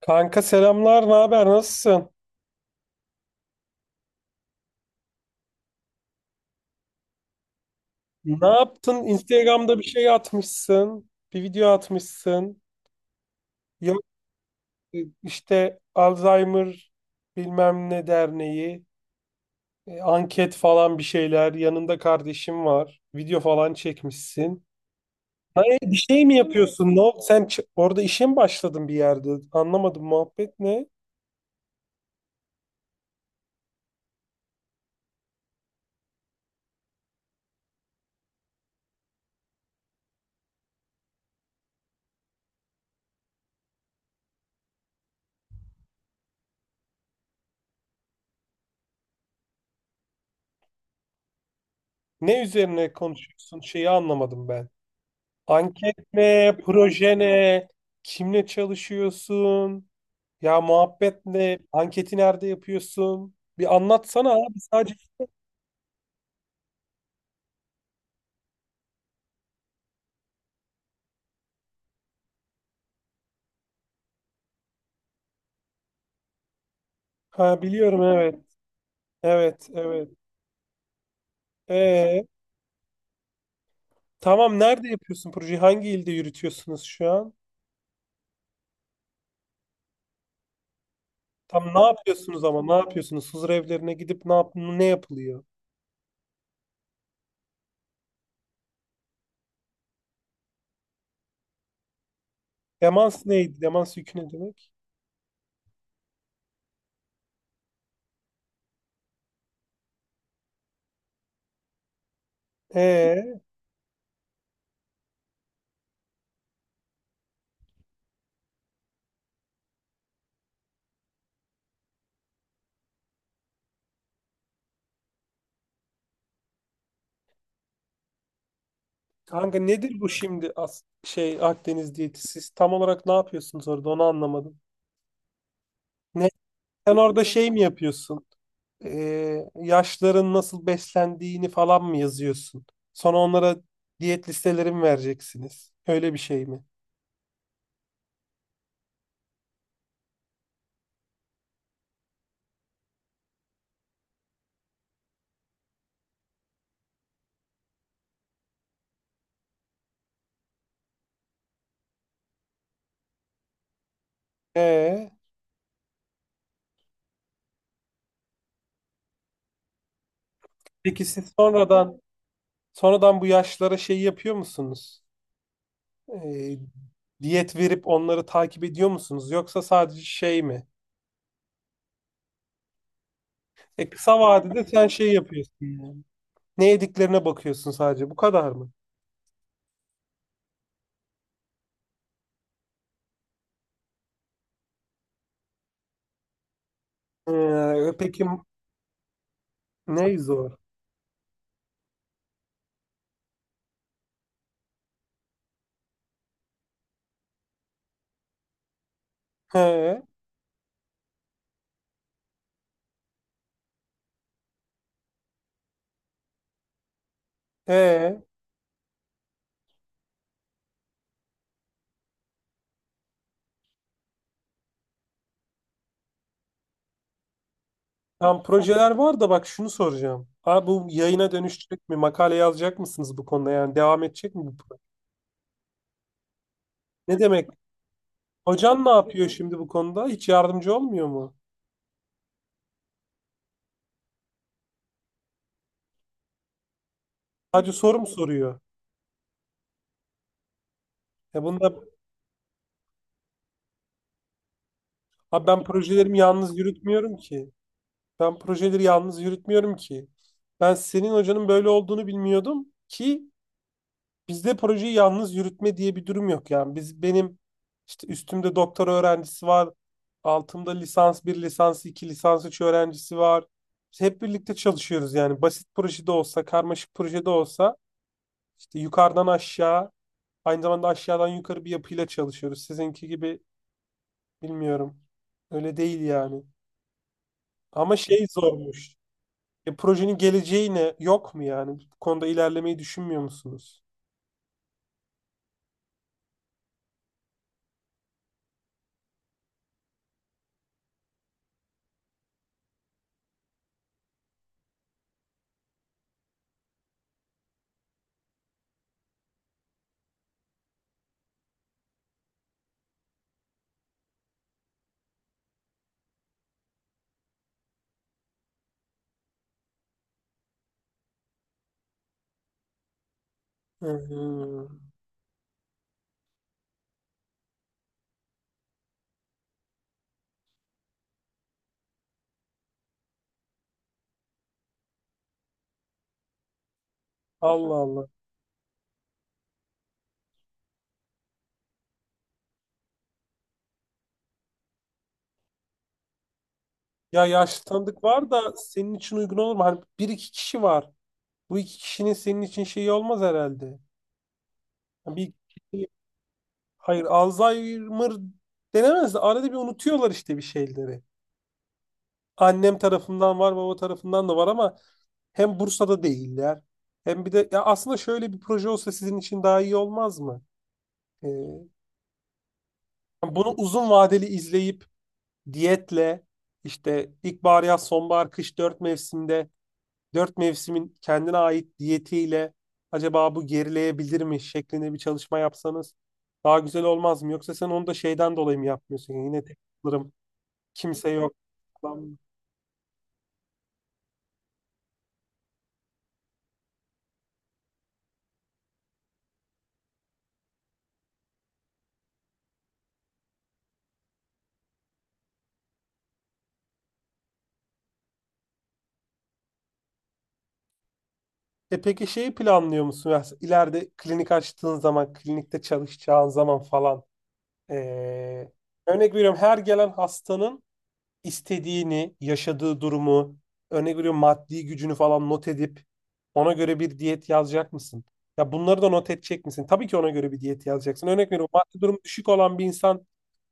Kanka selamlar, ne haber, nasılsın? Ne yaptın? Instagram'da bir şey atmışsın, bir video atmışsın. Yok, işte Alzheimer bilmem ne derneği, anket falan bir şeyler. Yanında kardeşim var, video falan çekmişsin. Hayır, bir şey mi yapıyorsun? Ne oldu? Orada işe mi başladın bir yerde? Anlamadım, muhabbet ne? Ne üzerine konuşuyorsun? Şeyi anlamadım ben. Anket ne? Proje ne? Kimle çalışıyorsun? Ya muhabbet ne? Anketi nerede yapıyorsun? Bir anlatsana abi, sadece. Ha, biliyorum, evet. Evet, evet. Ee, tamam, nerede yapıyorsun projeyi? Hangi ilde yürütüyorsunuz şu an? Tam ne yapıyorsunuz, ama ne yapıyorsunuz? Huzur evlerine gidip ne yapılıyor? Demans neydi? Demans yükü ne demek? Ee, kanka nedir bu şimdi as şey Akdeniz diyeti? Siz tam olarak ne yapıyorsunuz orada? Onu anlamadım. Ne? Sen orada şey mi yapıyorsun? Yaşların nasıl beslendiğini falan mı yazıyorsun? Sonra onlara diyet listeleri mi vereceksiniz? Öyle bir şey mi? Ee, peki siz sonradan bu yaşlara şey yapıyor musunuz? Ee, diyet verip onları takip ediyor musunuz? Yoksa sadece şey mi? E, kısa vadede sen şey yapıyorsun yani. Ne yediklerine bakıyorsun sadece. Bu kadar mı? Peki, ne zor? He, e, tam projeler var da bak şunu soracağım. Abi, bu yayına dönüşecek mi? Makale yazacak mısınız bu konuda? Yani devam edecek mi bu proje? Ne demek? Hocan ne yapıyor şimdi bu konuda? Hiç yardımcı olmuyor mu? Sadece soru mu soruyor? Ya bunda abi, ben projelerimi yalnız yürütmüyorum ki. Ben projeleri yalnız yürütmüyorum ki. Ben senin hocanın böyle olduğunu bilmiyordum ki. Bizde projeyi yalnız yürütme diye bir durum yok yani. Benim işte üstümde doktora öğrencisi var. Altımda lisans bir, lisans iki, lisans 3 öğrencisi var. Biz hep birlikte çalışıyoruz yani. Basit projede olsa, karmaşık projede olsa, işte yukarıdan aşağı, aynı zamanda aşağıdan yukarı bir yapıyla çalışıyoruz. Sizinki gibi bilmiyorum. Öyle değil yani. Ama şey, zormuş. E, projenin geleceği ne? Yok mu yani? Bu konuda ilerlemeyi düşünmüyor musunuz? Hı hı. Allah Allah. Ya yaşlı tanıdık var da senin için uygun olur mu? Hani bir iki kişi var. Bu iki kişinin senin için şeyi olmaz herhalde. Yani bir kişi, hayır, Alzheimer denemez de arada bir unutuyorlar işte bir şeyleri. Annem tarafından var, baba tarafından da var ama hem Bursa'da değiller. Hem bir de ya, aslında şöyle bir proje olsa sizin için daha iyi olmaz mı? Ee, bunu uzun vadeli izleyip diyetle, işte ilkbahar, yaz, sonbahar, kış, dört mevsimde, dört mevsimin kendine ait diyetiyle acaba bu gerileyebilir mi şeklinde bir çalışma yapsanız daha güzel olmaz mı? Yoksa sen onu da şeyden dolayı mı yapmıyorsun? Yani yine tek kalırım, kimse yok falan mı? E, peki şeyi planlıyor musun? Ya ileride klinik açtığın zaman, klinikte çalışacağın zaman falan. Ee, örnek veriyorum, her gelen hastanın istediğini, yaşadığı durumu, örnek veriyorum maddi gücünü falan not edip ona göre bir diyet yazacak mısın? Ya bunları da not edecek misin? Tabii ki ona göre bir diyet yazacaksın. Örnek veriyorum, maddi durumu düşük olan bir insan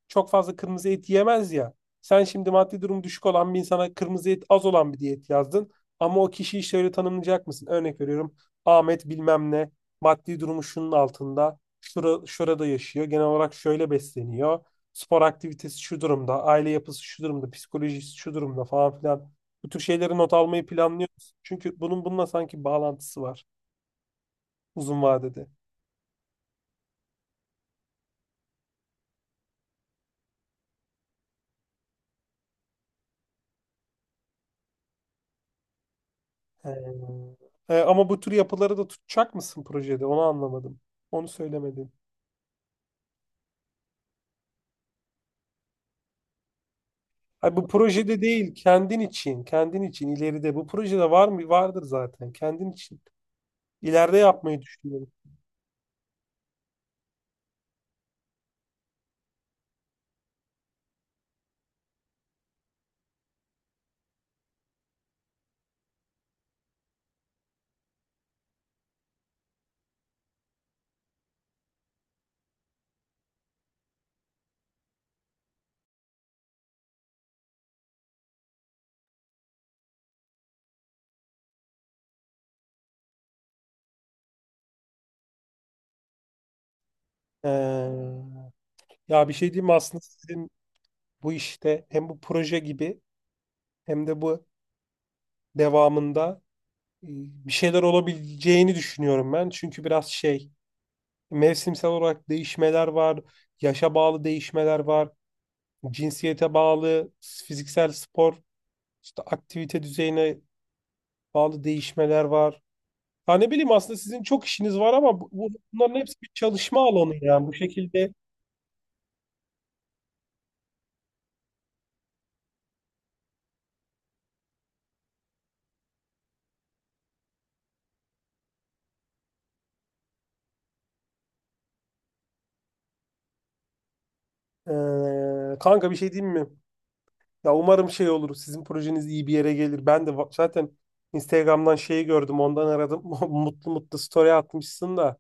çok fazla kırmızı et yemez ya. Sen şimdi maddi durum düşük olan bir insana kırmızı et az olan bir diyet yazdın. Ama o kişiyi şöyle tanımlayacak mısın? Örnek veriyorum: Ahmet bilmem ne, maddi durumu şunun altında. Şurada yaşıyor. Genel olarak şöyle besleniyor. Spor aktivitesi şu durumda. Aile yapısı şu durumda. Psikolojisi şu durumda, falan filan. Bu tür şeyleri not almayı planlıyoruz. Çünkü bunun bununla sanki bağlantısı var uzun vadede. He. Ama bu tür yapıları da tutacak mısın projede? Onu anlamadım. Onu söylemedin. Hayır, bu projede değil, kendin için ileride. Bu projede var mı? Vardır zaten. Kendin için. İleride yapmayı düşünüyorum. Ee, ya bir şey diyeyim mi? Aslında sizin bu işte hem bu proje gibi, hem de bu devamında, e, bir şeyler olabileceğini düşünüyorum ben. Çünkü biraz şey, mevsimsel olarak değişmeler var, yaşa bağlı değişmeler var, cinsiyete bağlı, fiziksel spor, işte aktivite düzeyine bağlı değişmeler var. Ha, ne bileyim, aslında sizin çok işiniz var ama bunların hepsi bir çalışma alanı yani, bu şekilde. Kanka, bir şey diyeyim mi? Ya umarım şey olur, sizin projeniz iyi bir yere gelir. Ben de zaten Instagram'dan şeyi gördüm. Ondan aradım. Mutlu mutlu story atmışsın da.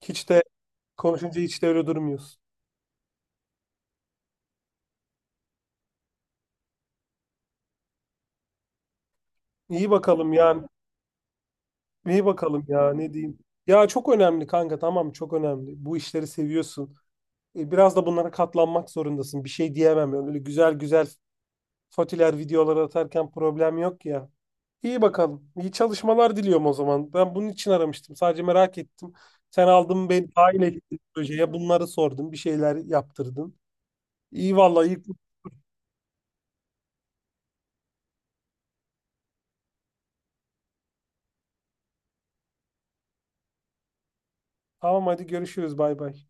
Hiç de Konuşunca hiç de öyle durmuyorsun. İyi bakalım ya. İyi bakalım ya, ne diyeyim. Ya çok önemli kanka, tamam, çok önemli. Bu işleri seviyorsun. Biraz da bunlara katlanmak zorundasın. Bir şey diyemem yani. Öyle güzel güzel fotiler, videolar atarken problem yok ya. İyi bakalım. İyi çalışmalar diliyorum o zaman. Ben bunun için aramıştım, sadece merak ettim. Sen aldın beni dahil ettin projeye. Bunları sordun. Bir şeyler yaptırdın. İyi vallahi, iyi. Tamam, hadi görüşürüz. Bay bay.